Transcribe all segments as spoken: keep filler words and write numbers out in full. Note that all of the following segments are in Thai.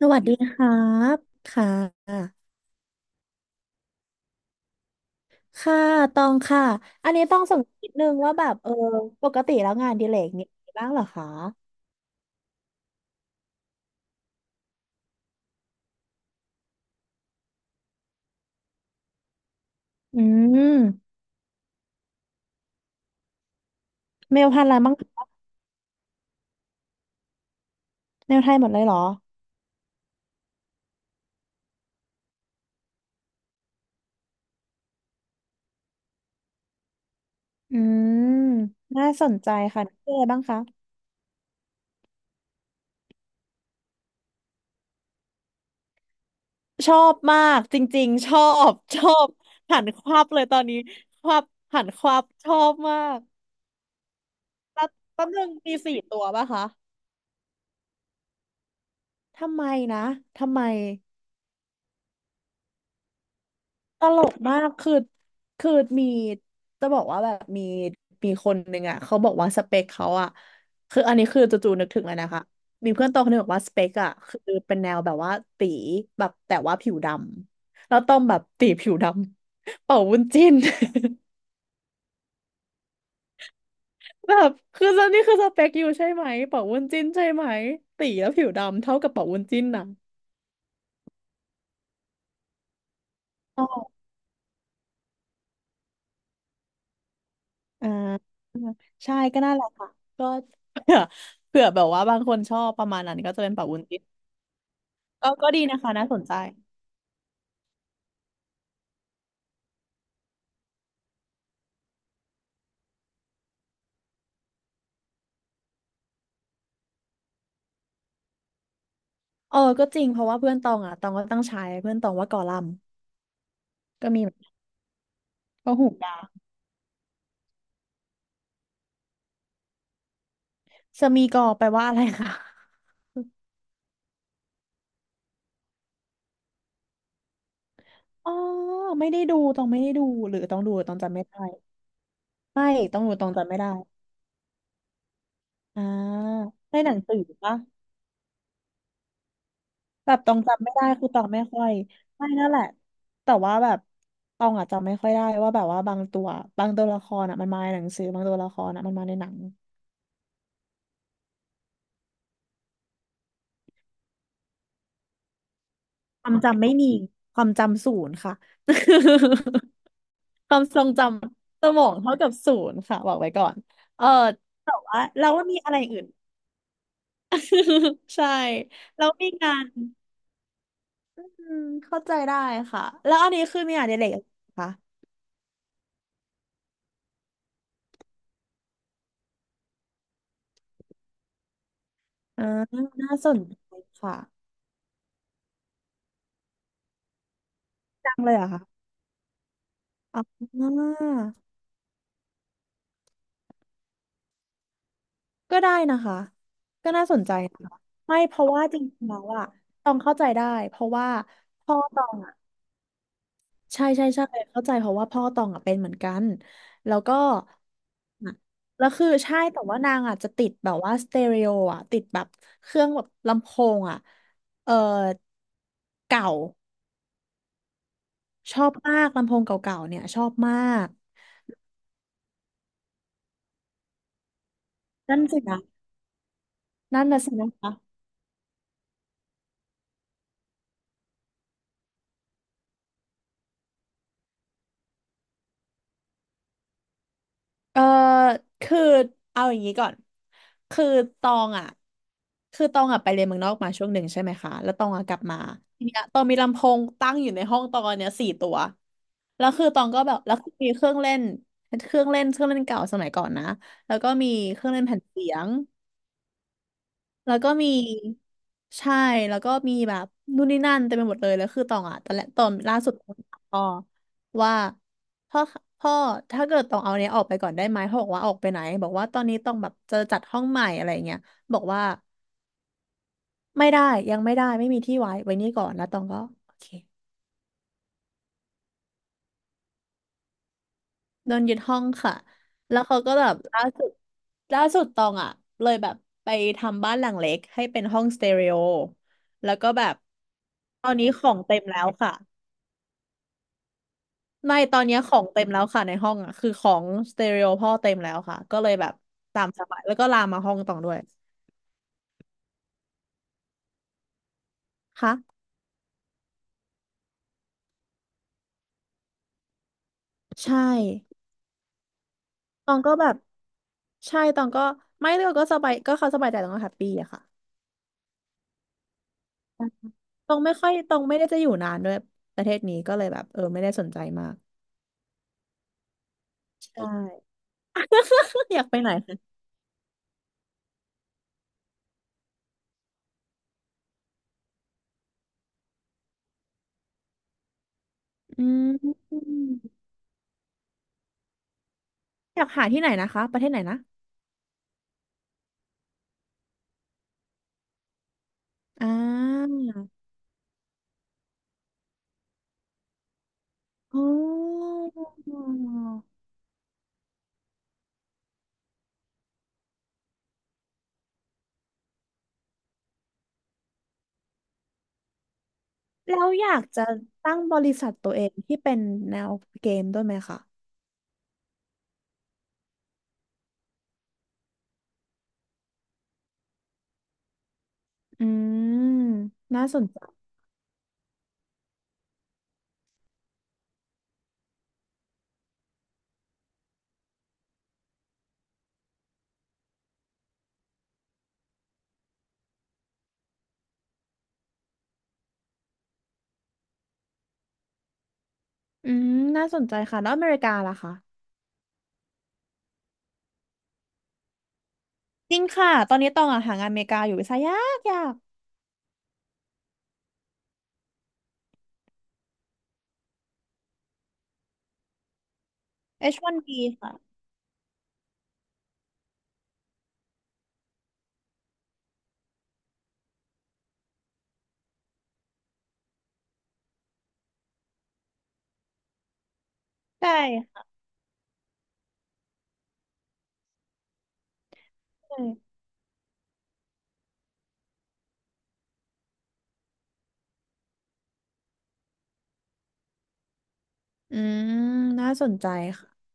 สวัสดีครับค่ะ ค่ะ ตองค่ะ อันนี้ต้องสงสัยนิดนึงว่าแบบเออ ปกติแล้วงานอดิเลกเนี่ยมีบ้างเหรอคะ อืมเมลพันธุ์อะไรบ้างคะเมลไทยหมดเลยเหรอ อืม น่าสนใจค่ะชื่ออะไรบ้างคะ ชอบมากจริงๆ ชอบ ชอบหันควับเลยตอนนี้ควับหันควับชอบมากแล้วแป๊บนึงมีสี่ตัวป่ะคะ ทำไมนะ ทำไม ตลกมากคือคือมีจะบอกว่าแบบมีมีคนหนึ่งอ่ะเขาบอกว่าสเปคเขาอ่ะคืออันนี้คือจู่ๆนึกถึงเลยนะคะมีเพื่อนโตคนหนึงบอกว่าสเปคอ่ะคือเป็นแนวแบบว่าตีแบบแต่ว่าผิวดำแล้วต้องแบบตีผิวดำเป่าวุ้นจิ้น แบบคือตอนนี้คือสเปคอยู่ใช่ไหมเป่าวุ้นจิ้นใช่ไหมตีแล้วผิวดำเท่ากับเป่าวุ้นจิ้นนะ อ่าใช่ก็น่าแหละค่ะก็ เผื่อเผื่อแบบว่าบางคนชอบประมาณนั้นก็จะเป็นปะวุ้นจิ้นก็ก็ดีนะคะน่าสนใจเออก็จริงเพราะว่าเพื่อนตองอ่ะตองก็ตั้งฉายเพื่อนตองว่ากอลัมน์ก็มีเหมือนก็หูกาสมีกอแปลว่าอะไรคะอ๋อไม่ได้ดูตองไม่ได้ดูหรือต้องดูตองจำไม่ได้ไม่ต้องดูตองจำไม่ได้อ่าในหนังสือปะ แบบตองจำไม่ได้คือตองไม่ค่อยไม่นั่นแหละแต่ว่าแบบตองอะจำไม่ค่อยได้ว่าแบบว่าบางตัวบางตัวละครอะมันมาในหนังสือบางตัวละครอะมันมาในหนังความจำไม่มีความจำศูนย์ค่ะ ความทรงจำสมองเท่ากับศูนย์ค่ะบอกไว้ก่อนเออแต่ว่าเราว่ามีอะไรอื่น ใช่แล้วมีงานอืมเข้าใจได้ค่ะแล้วอันนี้คือมีงานอดิเรกอะไรไหมคะอ่าน่าสนใจค่ะจังเลยเหรอะ อ๋าก็ได้นะคะ ก็น่าสนใจนะคะไม่ เพราะว่าจริงๆแล้วอะตองเข้าใจได้เพราะว่าพ่อตองอะใช่ใช่ใช่เข้าใจเพราะว่าพ่อตองอะเป็นเหมือนกันแล้วก็อะแล้วคือใช่แต่ว่านางอะจะติดแบบว่าสเตอริโออะติดแบบเครื่องแบบลำโพงอะเออเก่าชอบมากลำโพงเก่าๆเนี่ยชอบมากนั่นสินะนั่นน่ะสินะคะ เออคือเอาอย่างนี้ก่อนคือตองอ่ะคือตองอ่ะไปเรียนเมืองนอกมาช่วงหนึ่งใช่ไหมคะแล้วตองอ่ะกลับมาทีเนี้ยตองมีลำโพงตั้งอยู่ในห้องตองเนี้ยสี่ตัวแล้วคือตองก็แบบแล้วคือมีเครื่องเล่นเครื่องเล่นเครื่องเล่นเก่าสมัยก่อนนะแล้วก็มีเครื่องเล่นแผ่นเสียง แล้วก็มีใช่แล้วก็มีแบบนู่นนี่นั่นเต็มไปหมดเลยแล้วคือตองอ่ะตอนแรกตอนล่าสุดตองถามพ่อว่าพ่อพ่อถ้าเกิดตองเอาเนี้ยออกไปก่อนได้ไหมพ่อบอกว่าออกไปไหนบอกว่าตอนนี้ต้องแบบจะจัดห้องใหม่อะไรเงี้ยบอกว่าไม่ได้ยังไม่ได้ไม่มีที่ไว้ไว้นี่ก่อนแล้วตองก็โอเคโดนยึดห้องค่ะแล้วเขาก็แบบล่าสุดล่าสุดตองอ่ะเลยแบบไปทำบ้านหลังเล็กให้เป็นห้องสเตอริโอแล้วก็แบบตอนนี้ของเต็มแล้วค่ะ ไม่ตอนเนี้ยของเต็มแล้วค่ะในห้องอ่ะคือของสเตอริโอพ่อเต็มแล้วค่ะก็เลยแบบตามสบายแล้วก็ลามมาห้องตองด้วยค่ะใช่ตองก็แบบใช่ตองก็ไม่เลือกก็สบายก็เขาสบายใจตองก็แฮปปี้อะค่ะตองไม่ค่อยตองไม่ได้จะอยู่นานด้วยประเทศนี้ก็เลยแบบเออไม่ได้สนใจมากใช่ อยากไปไหนคะอืมอยากหาที่ไหนนะคะประเทศไหนนะอ่าอ๋อ แล้วอยากจะตั้งบริษัทตัวเองที่เป็นแนวเกมด้วยไหมคะอืมน่าสนใจอืมน่าสนใจค่ะแล้วอเมริกาล่ะคะจริงค่ะ ตอนนี้ตองอะหางานอเมริกาอยู่วีซ่ายากยาก เอช วัน บี ค่ะใช่ค่ะใช่อืมน่าสนใจค่ะ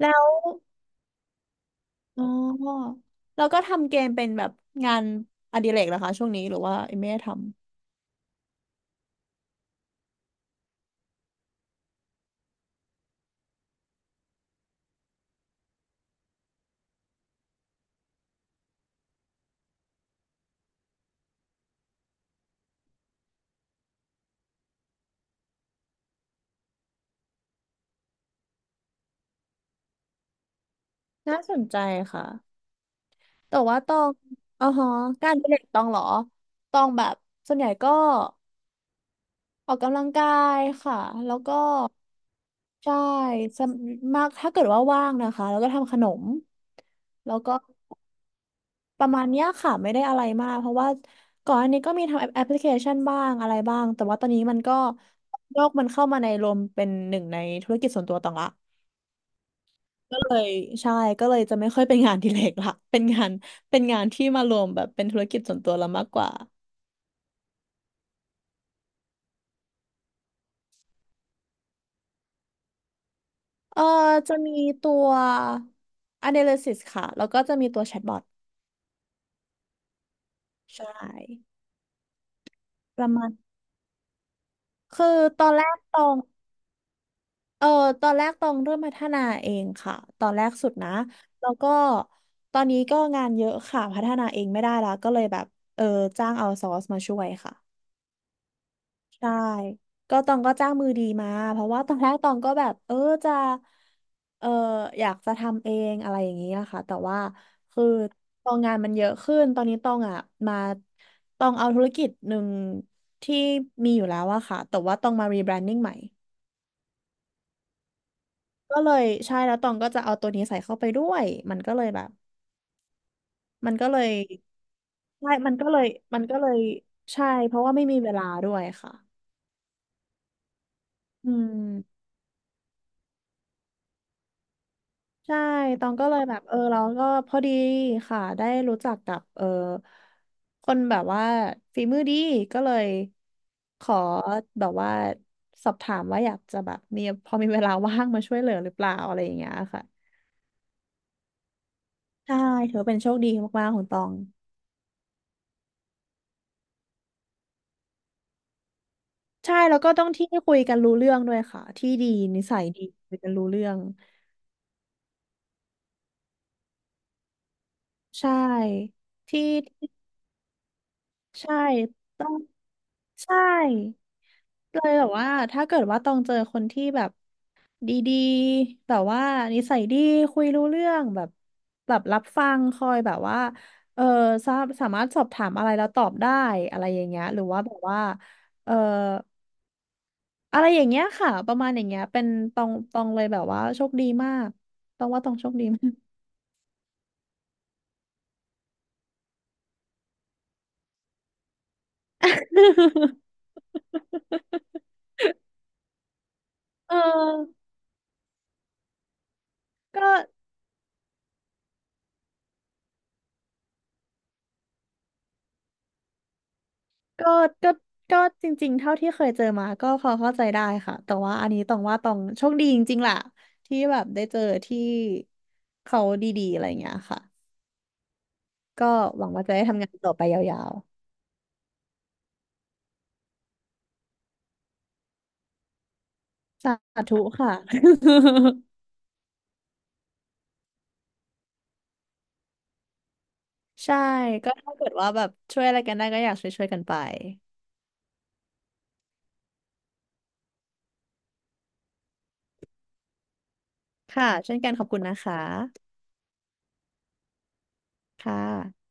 แล้ว อ๋อแล้วก็ทำเกมเป็นแบบงานอดิเรกเหรอคะช่วงนี้หรือว่าไม่ได้ทำ น่าสนใจค่ะ แต่ว่าตองอ๋อฮะการอดิเรกตองเหรอตองแบบส่วนใหญ่ก็ ออกกำลังกายค่ะ แล้วก็ใช่สำมากถ้าเกิดว่าว่างนะคะ แล้วก็ทำขนม แล้วก็ประมาณเนี้ยค่ะ ไม่ได้อะไรมาก เพราะว่าก่อนอันนี้ก็มีทำแอปพลิเคชันบ้างอะไรบ้าง แต่ว่าตอนนี้มันก็โลกมันเข้ามาในรวมเป็นหนึ่งในธุรกิจส่วนตัวต่างละ ก็เลยใช่ ก็เลยจะไม่ค่อยเป็นงานอดิเรกละ เป็นงานเป็นงานที่มารวมแบบเป็นธุรกิจส่วนตัวละมากกว่าเออจะมีตัว analysis ค่ะแล้วก็จะมีตัว chatbot ใช่ ประมาณคือตอนแรกตองเออตอนแรกตองเริ่มพัฒนาเองค่ะตอนแรกสุดนะแล้วก็ตอนนี้ก็งานเยอะค่ะพัฒนาเองไม่ได้ละก็เลยแบบเออจ้างเอาซอร์สมาช่วยค่ะใช่ก็ตองก็จ้างมือดีมาเพราะว่าตอนแรกตองก็แบบเออจะเอออยากจะทำเองอะไรอย่างนี้นะคะแต่ว่าคือตองงานมันเยอะขึ้นตอนนี้ตองอ่ะมาตองเอาธุรกิจหนึ่งที่มีอยู่แล้วอะค่ะแต่ว่าตองมารีแบรนดิ้งใหม่ ก็เลยใช่แล้วตองก็จะเอาตัวนี้ใส่เข้าไปด้วยมันก็เลยแบบมันก็เลยใช่มันก็เลยมันก็เลยใช่เพราะว่าไม่มีเวลาด้วยค่ะอืมใช่ตองก็เลยแบบเออเราก็พอดีค่ะได้รู้จักกับเออคนแบบว่าฝีมือดีก็เลยขอแบบว่าสอบถามว่าอยากจะแบบมีพอมีเวลาว่างมาช่วยเหลือหรือเปล่าอะไรอย่างเงี้ยค่ะใช่ถือว่าเป็นโชคดีมากๆของตอง ใช่แล้วก็ต้องที่คุยกันรู้เรื่องด้วยค่ะที่ดีนิสัยดีคุยกันรู้เรื่องใช่ที่ใช่ต้องใช่เลยแบบว่าถ้าเกิดว่าต้องเจอคนที่แบบดีๆแบบว่านิสัยดีคุยรู้เรื่องแบบแบบรับฟังคอยแบบว่าเออสาสามารถสอบถามอะไรแล้วตอบได้อะไรอย่างเงี้ยหรือว่าแบบว่าเอออะไรอย่างเงี้ยค่ะประมาณอย่างเงี้ยเป็นตองตองเลยแบบว่าโชคดีมากต้องว่าตองโชคดี เออก็ก็ก็ก็จริงๆ เท่าที่เคยเจอมาก็พอเข้าใจได้ค่ะแต่ว่าอันนี้ต้องว่าต้องโชคดีจริงๆแหละที่แบบได้เจอที่เขาดีๆอะไรอย่างเงี้ยค่ะก็หวังว่าจะได้ทำงานต่อไปยาวๆสาธุค่ะ ใช่ก็ถ้าเกิดว่าแบบช่วยอะไรกันได้ก็อยากช่วยๆกันไปค่ะเช่นกันขอบคุณนะคะค่ะ